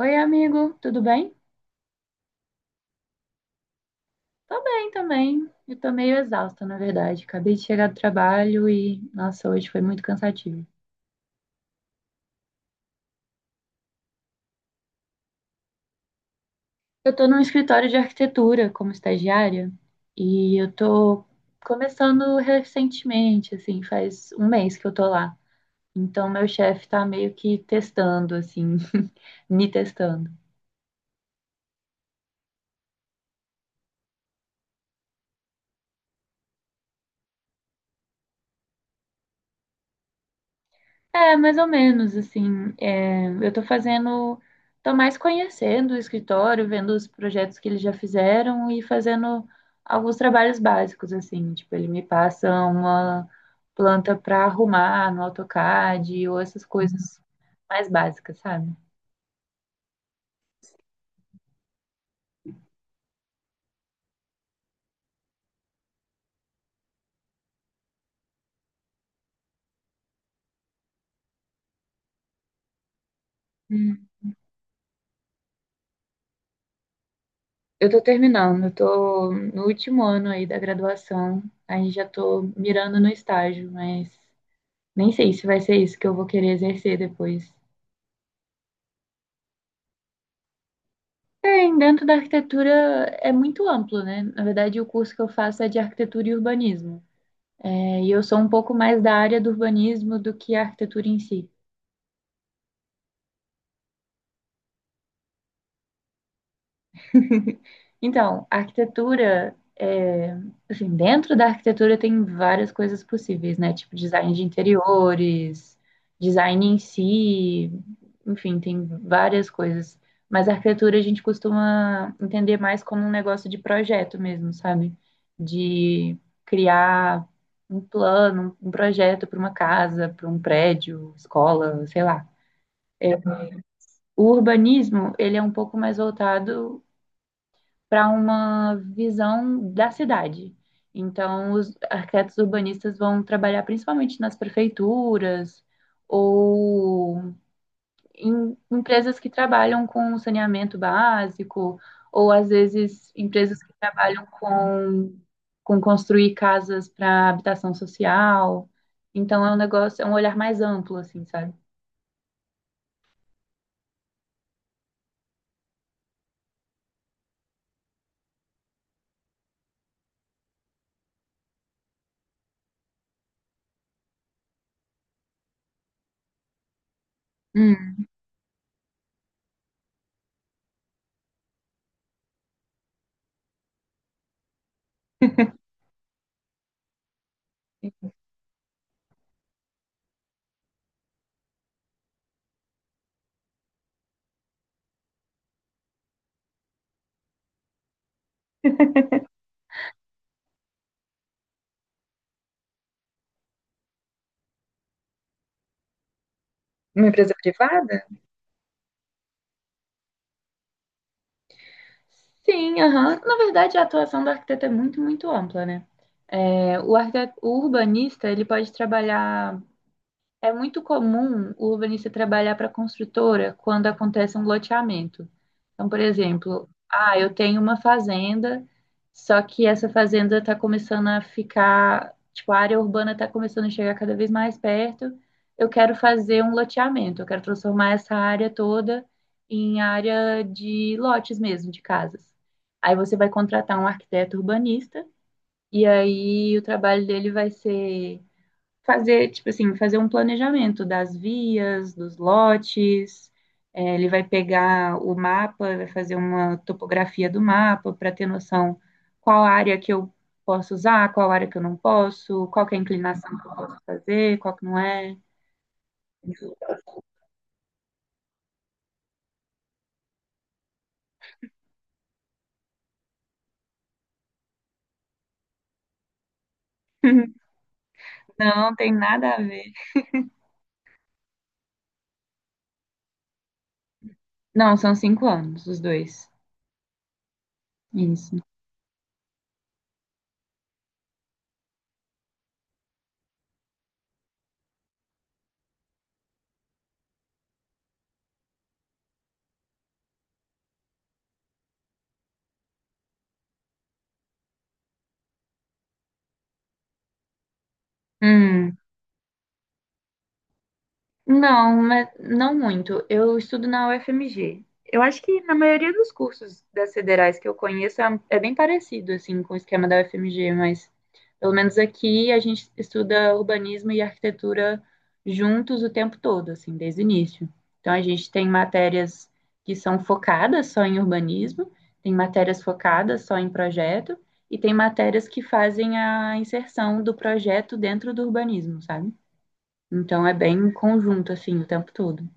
Oi, amigo, tudo bem? Tô bem também. Eu tô meio exausta, na verdade. Acabei de chegar do trabalho e, nossa, hoje foi muito cansativo. Eu tô num escritório de arquitetura como estagiária e eu tô começando recentemente, assim, faz um mês que eu tô lá. Então, meu chefe tá meio que testando, assim, me testando. É, mais ou menos, assim, é, eu tô fazendo, tô mais conhecendo o escritório, vendo os projetos que eles já fizeram e fazendo alguns trabalhos básicos, assim, tipo, ele me passa uma planta para arrumar no AutoCAD ou essas coisas mais básicas, sabe? Hum. Eu tô terminando, eu tô no último ano aí da graduação, aí já tô mirando no estágio, mas nem sei se vai ser isso que eu vou querer exercer depois. É, em dentro da arquitetura é muito amplo, né? Na verdade, o curso que eu faço é de arquitetura e urbanismo. É, e eu sou um pouco mais da área do urbanismo do que a arquitetura em si. Então, a arquitetura, é, assim, dentro da arquitetura tem várias coisas possíveis, né? Tipo design de interiores, design em si, enfim, tem várias coisas. Mas a arquitetura a gente costuma entender mais como um negócio de projeto mesmo, sabe? De criar um plano, um projeto para uma casa, para um prédio, escola, sei lá. É, o urbanismo, ele é um pouco mais voltado para uma visão da cidade. Então, os arquitetos urbanistas vão trabalhar principalmente nas prefeituras ou em empresas que trabalham com saneamento básico, ou às vezes empresas que trabalham com construir casas para habitação social. Então, é um negócio, é um olhar mais amplo, assim, sabe? Hum. Uma empresa privada? Sim, aham. Na verdade, a atuação do arquiteto é muito, muito ampla, né? É, o, arquite- o urbanista, ele pode trabalhar. É muito comum o urbanista trabalhar para a construtora quando acontece um loteamento. Então, por exemplo, ah, eu tenho uma fazenda, só que essa fazenda está começando a ficar, tipo, a área urbana está começando a chegar cada vez mais perto. Eu quero fazer um loteamento, eu quero transformar essa área toda em área de lotes mesmo, de casas. Aí você vai contratar um arquiteto urbanista e aí o trabalho dele vai ser fazer, tipo assim, fazer um planejamento das vias, dos lotes. É, ele vai pegar o mapa, vai fazer uma topografia do mapa para ter noção qual área que eu posso usar, qual área que eu não posso, qual que é a inclinação que eu posso fazer, qual que não é. Não, tem nada a ver. Não, são cinco anos, os dois. Isso. Hum. Não, mas não muito. Eu estudo na UFMG. Eu acho que na maioria dos cursos das federais que eu conheço é bem parecido assim com o esquema da UFMG, mas pelo menos aqui a gente estuda urbanismo e arquitetura juntos o tempo todo, assim, desde o início. Então a gente tem matérias que são focadas só em urbanismo, tem matérias focadas só em projeto e tem matérias que fazem a inserção do projeto dentro do urbanismo, sabe? Então é bem em conjunto, assim, o tempo todo.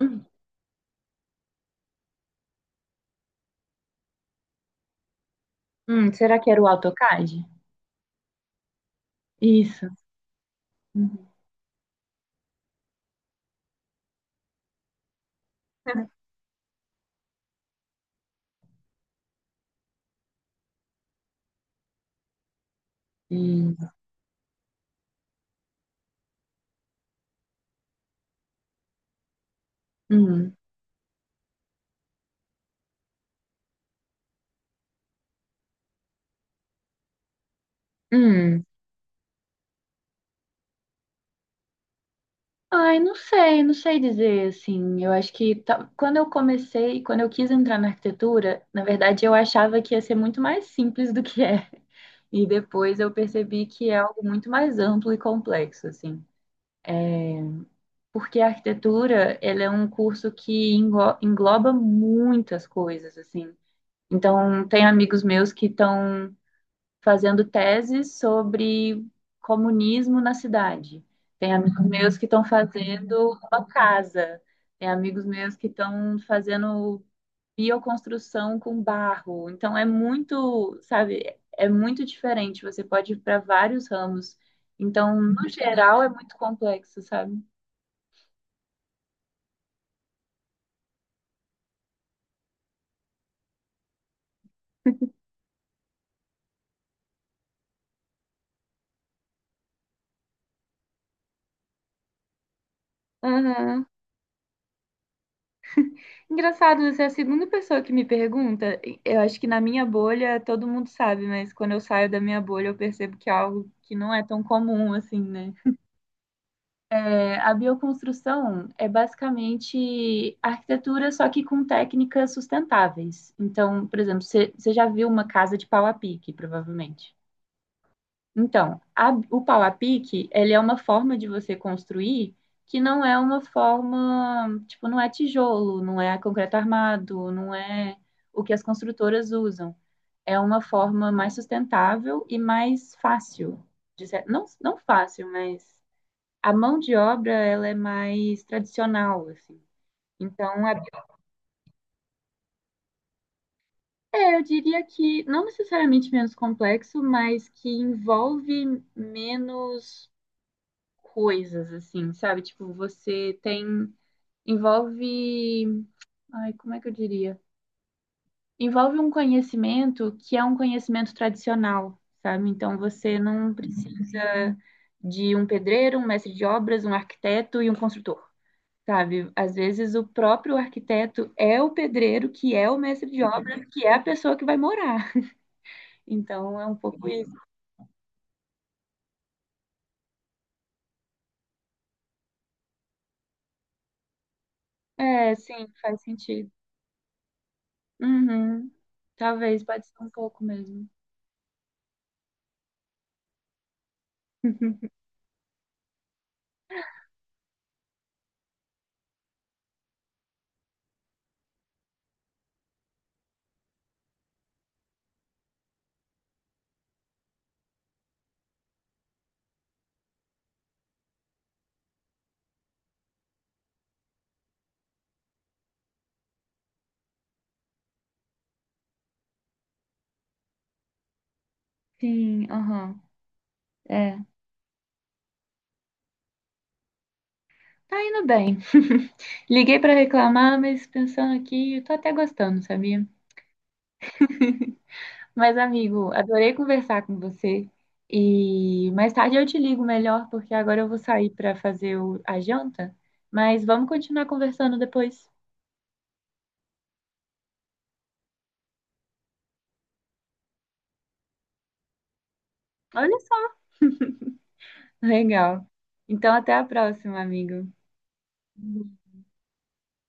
Uhum. Será que era o AutoCAD? Isso. Uhum. Hum, hum, hum. Ai, não sei, não sei dizer assim. Eu acho que ta- quando eu comecei, quando eu quis entrar na arquitetura, na verdade eu achava que ia ser muito mais simples do que é. E depois eu percebi que é algo muito mais amplo e complexo, assim. Porque a arquitetura, ela é um curso que englo- engloba muitas coisas, assim. Então, tem amigos meus que estão fazendo teses sobre comunismo na cidade. Tem amigos meus que estão fazendo uma casa. Tem amigos meus que estão fazendo bioconstrução com barro. Então, é muito, sabe, é muito diferente. Você pode ir para vários ramos. Então, no geral, é muito complexo, sabe? Uhum. Engraçado, você é a segunda pessoa que me pergunta. Eu acho que na minha bolha todo mundo sabe, mas quando eu saio da minha bolha eu percebo que é algo que não é tão comum assim, né? É, a bioconstrução é basicamente arquitetura, só que com técnicas sustentáveis. Então, por exemplo, você já viu uma casa de pau a pique, provavelmente. Então, a- o pau a pique, ele é uma forma de você construir que não é uma forma, tipo, não é tijolo, não é concreto armado, não é o que as construtoras usam. É uma forma mais sustentável e mais fácil. De cer- não, não fácil, mas a mão de obra, ela é mais tradicional, assim. Então, a- é, eu diria que não necessariamente menos complexo, mas que envolve menos coisas, assim, sabe? Tipo, você tem. Envolve. Ai, como é que eu diria? Envolve um conhecimento que é um conhecimento tradicional, sabe? Então você não precisa de um pedreiro, um mestre de obras, um arquiteto e um construtor, sabe? Às vezes o próprio arquiteto é o pedreiro, que é o mestre de obras, que é a pessoa que vai morar. Então é um pouco isso. É, sim, faz sentido. Uhum. Talvez, pode ser um pouco mesmo. Sim, aham. É, tá indo bem. Liguei pra reclamar, mas pensando aqui, eu tô até gostando, sabia? Mas, amigo, adorei conversar com você. E mais tarde eu te ligo melhor, porque agora eu vou sair pra fazer o- a janta. Mas vamos continuar conversando depois. Olha só. Legal. Então, até a próxima, amigo.